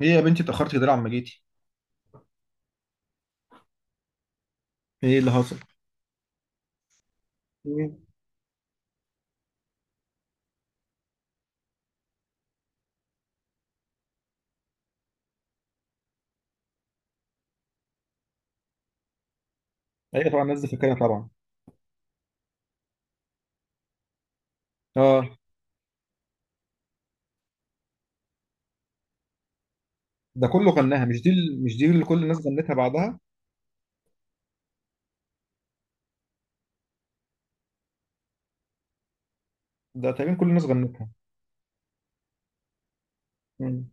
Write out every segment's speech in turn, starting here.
ايه يا بنتي اتأخرت كده ليه عما جيتي؟ ايه اللي حصل؟ ايه ايوه طبعا الناس دي فاكرها طبعا. اه ده كله غناها. مش دي اللي كل الناس غنتها بعدها؟ ده تقريبا كل الناس غنتها. امم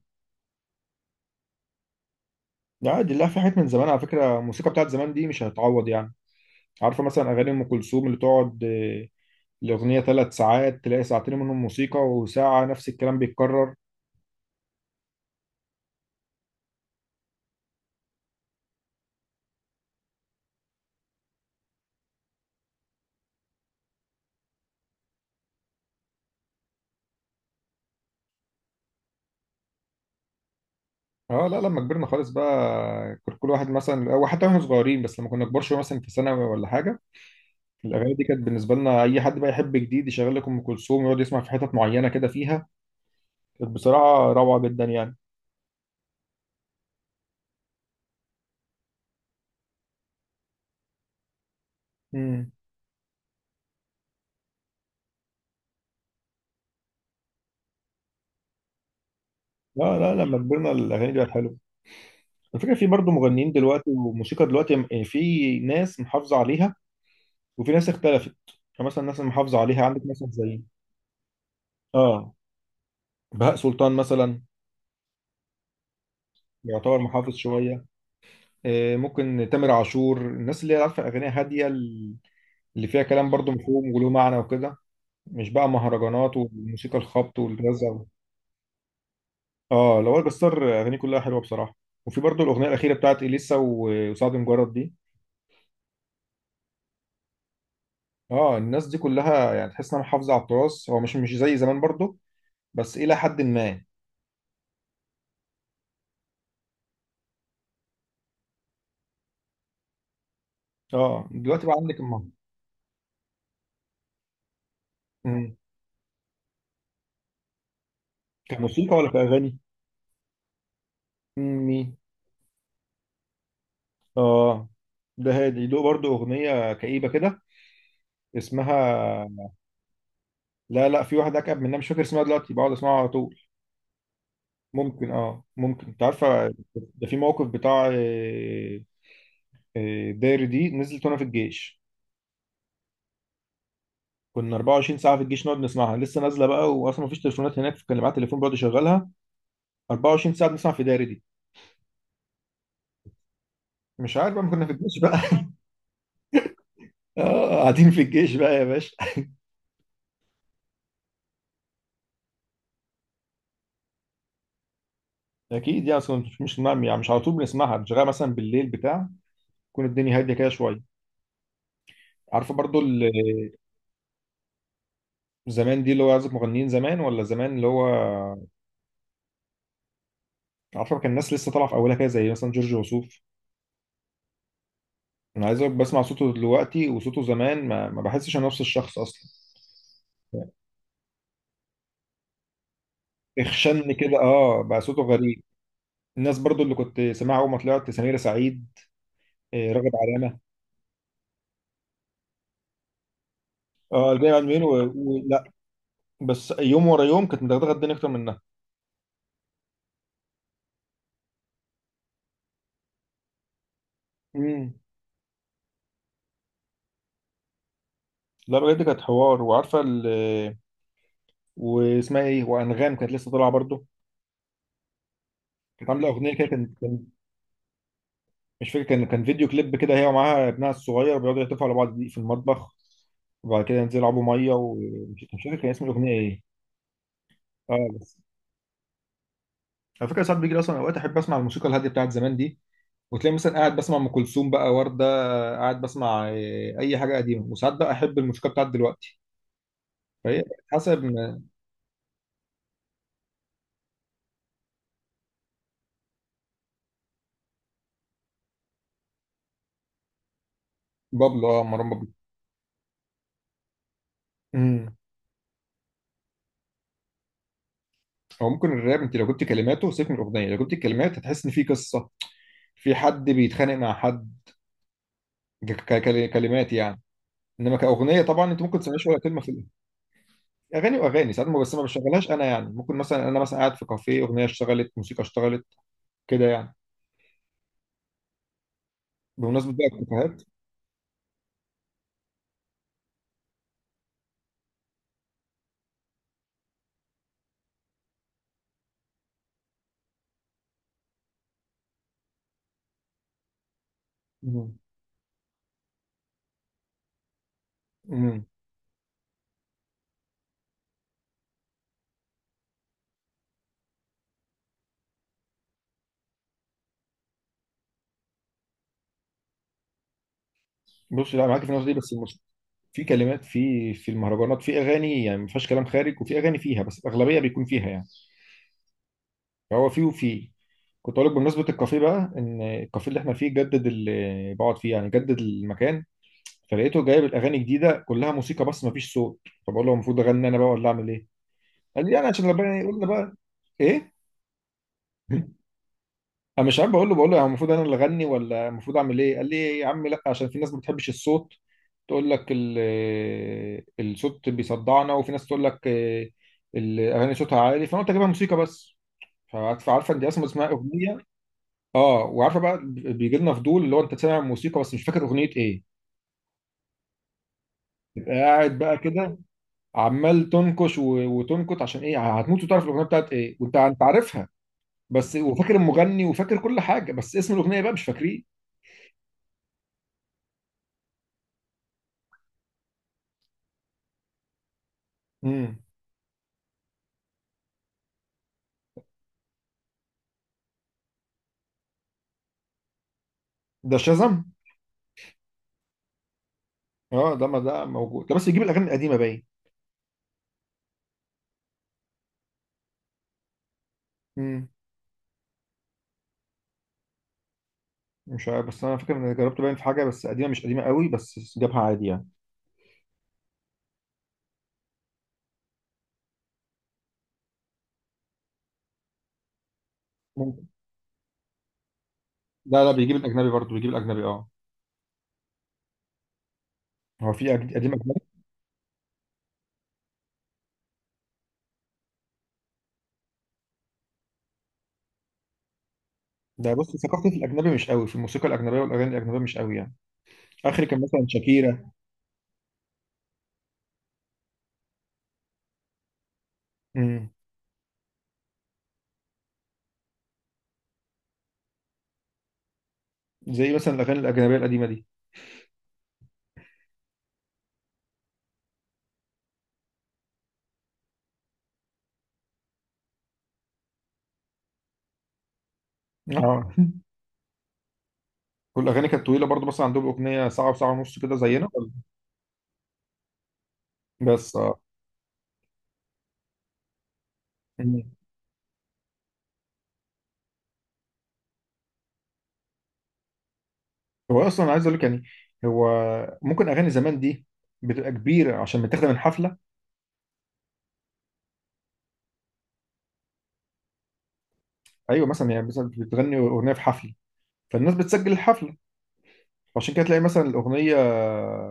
لا عادي، لا في حاجات من زمان. على فكرة الموسيقى بتاعت زمان دي مش هتعوض يعني. عارفة مثلا أغاني أم كلثوم اللي تقعد الأغنية ثلاث ساعات، تلاقي ساعتين منهم موسيقى وساعة نفس الكلام بيتكرر. اه لا، لما كبرنا خالص بقى كل واحد مثلا، أو حتى واحنا صغيرين بس لما كنا كبار شوية مثلا في ثانوي ولا حاجة، الاغاني دي كانت بالنسبه لنا اي حد بقى يحب جديد يشغل لك ام كلثوم ويقعد يسمع في حتت معينه كده فيها. كانت بصراحه روعه جدا يعني. امم، لا لما كبرنا الاغاني دي بقت حلوه. الفكره في برضه مغنيين دلوقتي وموسيقى دلوقتي، يعني في ناس محافظه عليها وفي ناس اختلفت. فمثلا الناس المحافظه عليها عندك مثلا زي، اه، بهاء سلطان مثلا، يعتبر محافظ شويه. ممكن تامر عاشور، الناس اللي هي عارفه اغاني هاديه اللي فيها كلام برضه مفهوم وله معنى وكده. مش بقى مهرجانات والموسيقى الخبط والرزع. اه، لوائل جسار اغانيه كلها حلوه بصراحه. وفي برضه الاغنيه الاخيره بتاعت اليسا وسعد مجرد دي. اه الناس دي كلها يعني تحس انها محافظه على التراث. هو مش مش زي زمان برضه بس الى حد ما. اه دلوقتي بقى عندك مم. كموسيقى ولا كاغاني؟ مم، مين؟ اه ده هادي، له برضه اغنيه كئيبه كده اسمها، لا لا، في واحد اكئب منها مش فاكر اسمها دلوقتي، بقعد اسمعها على طول. ممكن، اه ممكن انت عارفه. ده في موقف بتاع داري دي نزلت وانا في الجيش. كنا 24 ساعه في الجيش نقعد نسمعها لسه نازله بقى، واصلا مفيش تليفونات هناك فكان معايا تليفون بقعد يشغلها، 24 ساعه بنسمع في داري دي. مش عارف بقى، ما كنا في الجيش بقى. اه قاعدين في الجيش بقى يا باشا. اكيد يعني، اصلا مش مش يعني مش على طول بنسمعها، بنشغلها مثلا بالليل بتاع، تكون الدنيا هاديه كده شويه. عارفه برضو زمان دي اللي هو عازف مغنيين زمان، ولا زمان اللي هو، عارفه كان الناس لسه طالعه في اولها كده زي مثلا جورج وسوف. انا عايز أقولك بسمع صوته دلوقتي وصوته زمان ما بحسش انا نفس الشخص اصلا. اخشن كده، اه بقى صوته غريب. الناس برضو اللي كنت سامعها اول ما طلعت سميرة سعيد، راغب علامة. اه الباقي عالمين ولا. بس يوم ورا يوم كانت مدغدغة الدنيا اكتر منها. امم، لا بجد كانت حوار. وعارفة واسمها ايه، وانغام كانت لسه طالعة برضو. كانت عاملة اغنية كده مش فاكر، كان فيديو كليب كده هي ومعاها ابنها الصغير بيقعدوا يحتفلوا على بعض في المطبخ، وبعد كده ينزلوا يلعبوا ميه، ومش مش فاكر كان اسم الاغنيه ايه. اه بس، على فكره ساعات بيجي لي اصلا اوقات احب اسمع الموسيقى الهاديه بتاعت زمان دي، وتلاقي مثلا قاعد بسمع ام كلثوم بقى، ورده، قاعد بسمع اي حاجه قديمه. وساعات بقى احب الموسيقى بتاعت دلوقتي، فهي حسب بابلو، اه مروان بابلو. امم، او ممكن الراب، انت لو جبت كلماته سيبك من الاغنيه، لو جبت الكلمات هتحس ان في قصه، في حد بيتخانق مع حد، كلمات يعني. انما كاغنيه طبعا انت ممكن تسمعش ولا كلمه في الأغنية. اغاني واغاني ساعات ما، بس ما بشغلهاش انا يعني. ممكن مثلا انا، مثلا قاعد في كافيه، اغنيه اشتغلت، موسيقى اشتغلت كده يعني. بمناسبه بقى الكافيهات، امم، أمم. بص، لا معاك في النقطه دي، بس في كلمات، في المهرجانات في اغاني يعني ما فيهاش كلام خارج، وفي اغاني فيها، بس الاغلبيه بيكون فيها يعني. فهو في وفي، كنت اقول لك بمناسبه الكافيه بقى، ان الكافيه اللي احنا فيه جدد، اللي بقعد فيه يعني جدد المكان، فلقيته جايب الاغاني جديده كلها موسيقى بس ما فيش صوت. فبقول له المفروض اغني انا بقى ولا اعمل ايه؟ قال لي يعني عشان ربنا يقول لنا بقى ايه؟ انا مش عارف، بقول له يعني المفروض انا اللي اغني ولا المفروض اعمل ايه؟ قال لي يا عم لا، عشان في ناس ما بتحبش الصوت، تقول لك الصوت بيصدعنا، وفي ناس تقول لك، الاغاني صوتها عالي، فانا قلت اجيبها موسيقى بس. فعارفه انت اصلا اسمها اغنيه. اه، وعارفه بقى، بيجي لنا فضول اللي هو انت سامع موسيقى بس مش فاكر اغنيه ايه، تبقى قاعد بقى كده عمال تنكش وتنكت عشان ايه، هتموت وتعرف الاغنيه بتاعت ايه، وانت عارفها بس، وفاكر المغني وفاكر كل حاجه بس اسم الاغنيه بقى مش فاكريه. امم، ده شازم. اه ده، ما ده موجود ده بس يجيب الاغاني القديمه باين. امم، مش عارف بس انا فاكر ان أنا جربت باين في حاجه، بس قديمه مش قديمه قوي بس جابها عادي يعني. ممكن، لا بيجيب الاجنبي برضه، بيجيب الاجنبي اه. هو في قديم اجنبي. ده بص، ثقافتي في الاجنبي مش قوي، في الموسيقى الاجنبيه والاغاني الاجنبيه مش قوي يعني. اخري كان مثلا شاكيرا. امم، زي مثلا الاغاني الاجنبيه القديمه دي. اه. والاغاني كانت طويله برضه مثلا، عندهم اغنيه ساعه وساعه ونص كده زينا؟ بس اه. مم. هو اصلا عايز اقول لك يعني، هو ممكن اغاني زمان دي بتبقى كبيره عشان متاخده من حفله. ايوه مثلا يعني، مثلا بتغني اغنيه في حفله، فالناس بتسجل الحفله، فعشان كده تلاقي مثلا الاغنيه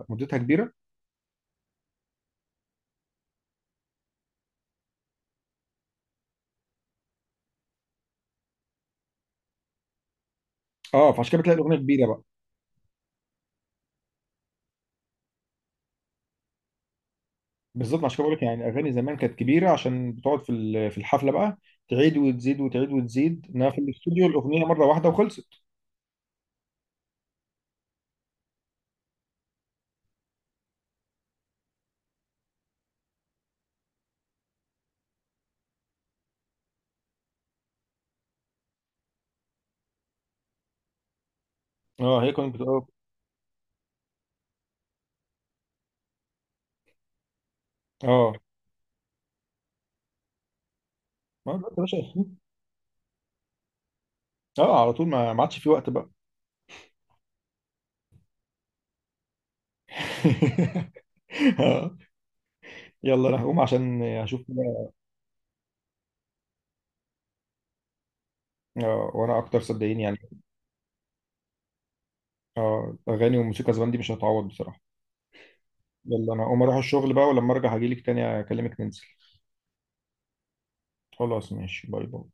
مدتها كبيره. اه فعشان كده بتلاقي الاغنيه كبيره بقى. بالظبط، عشان كده بقول لك يعني اغاني زمان كانت كبيره عشان بتقعد في في الحفله بقى تعيد وتزيد وتعيد وتزيد، انها في الاستوديو الاغنيه مره واحده وخلصت. اه هي كانت بتقول اه. ما دلوقتي يا باشا. اه على طول، ما ما عادش في وقت بقى. آه. يلا انا هقوم عشان اشوف كده. اه وانا اكتر صدقيني يعني. اه اغاني وموسيقى زمان دي مش هتعوض بصراحه. يلا انا اقوم اروح الشغل بقى، ولما ارجع هجيلك تاني اكلمك ننزل. خلاص ماشي، باي باي.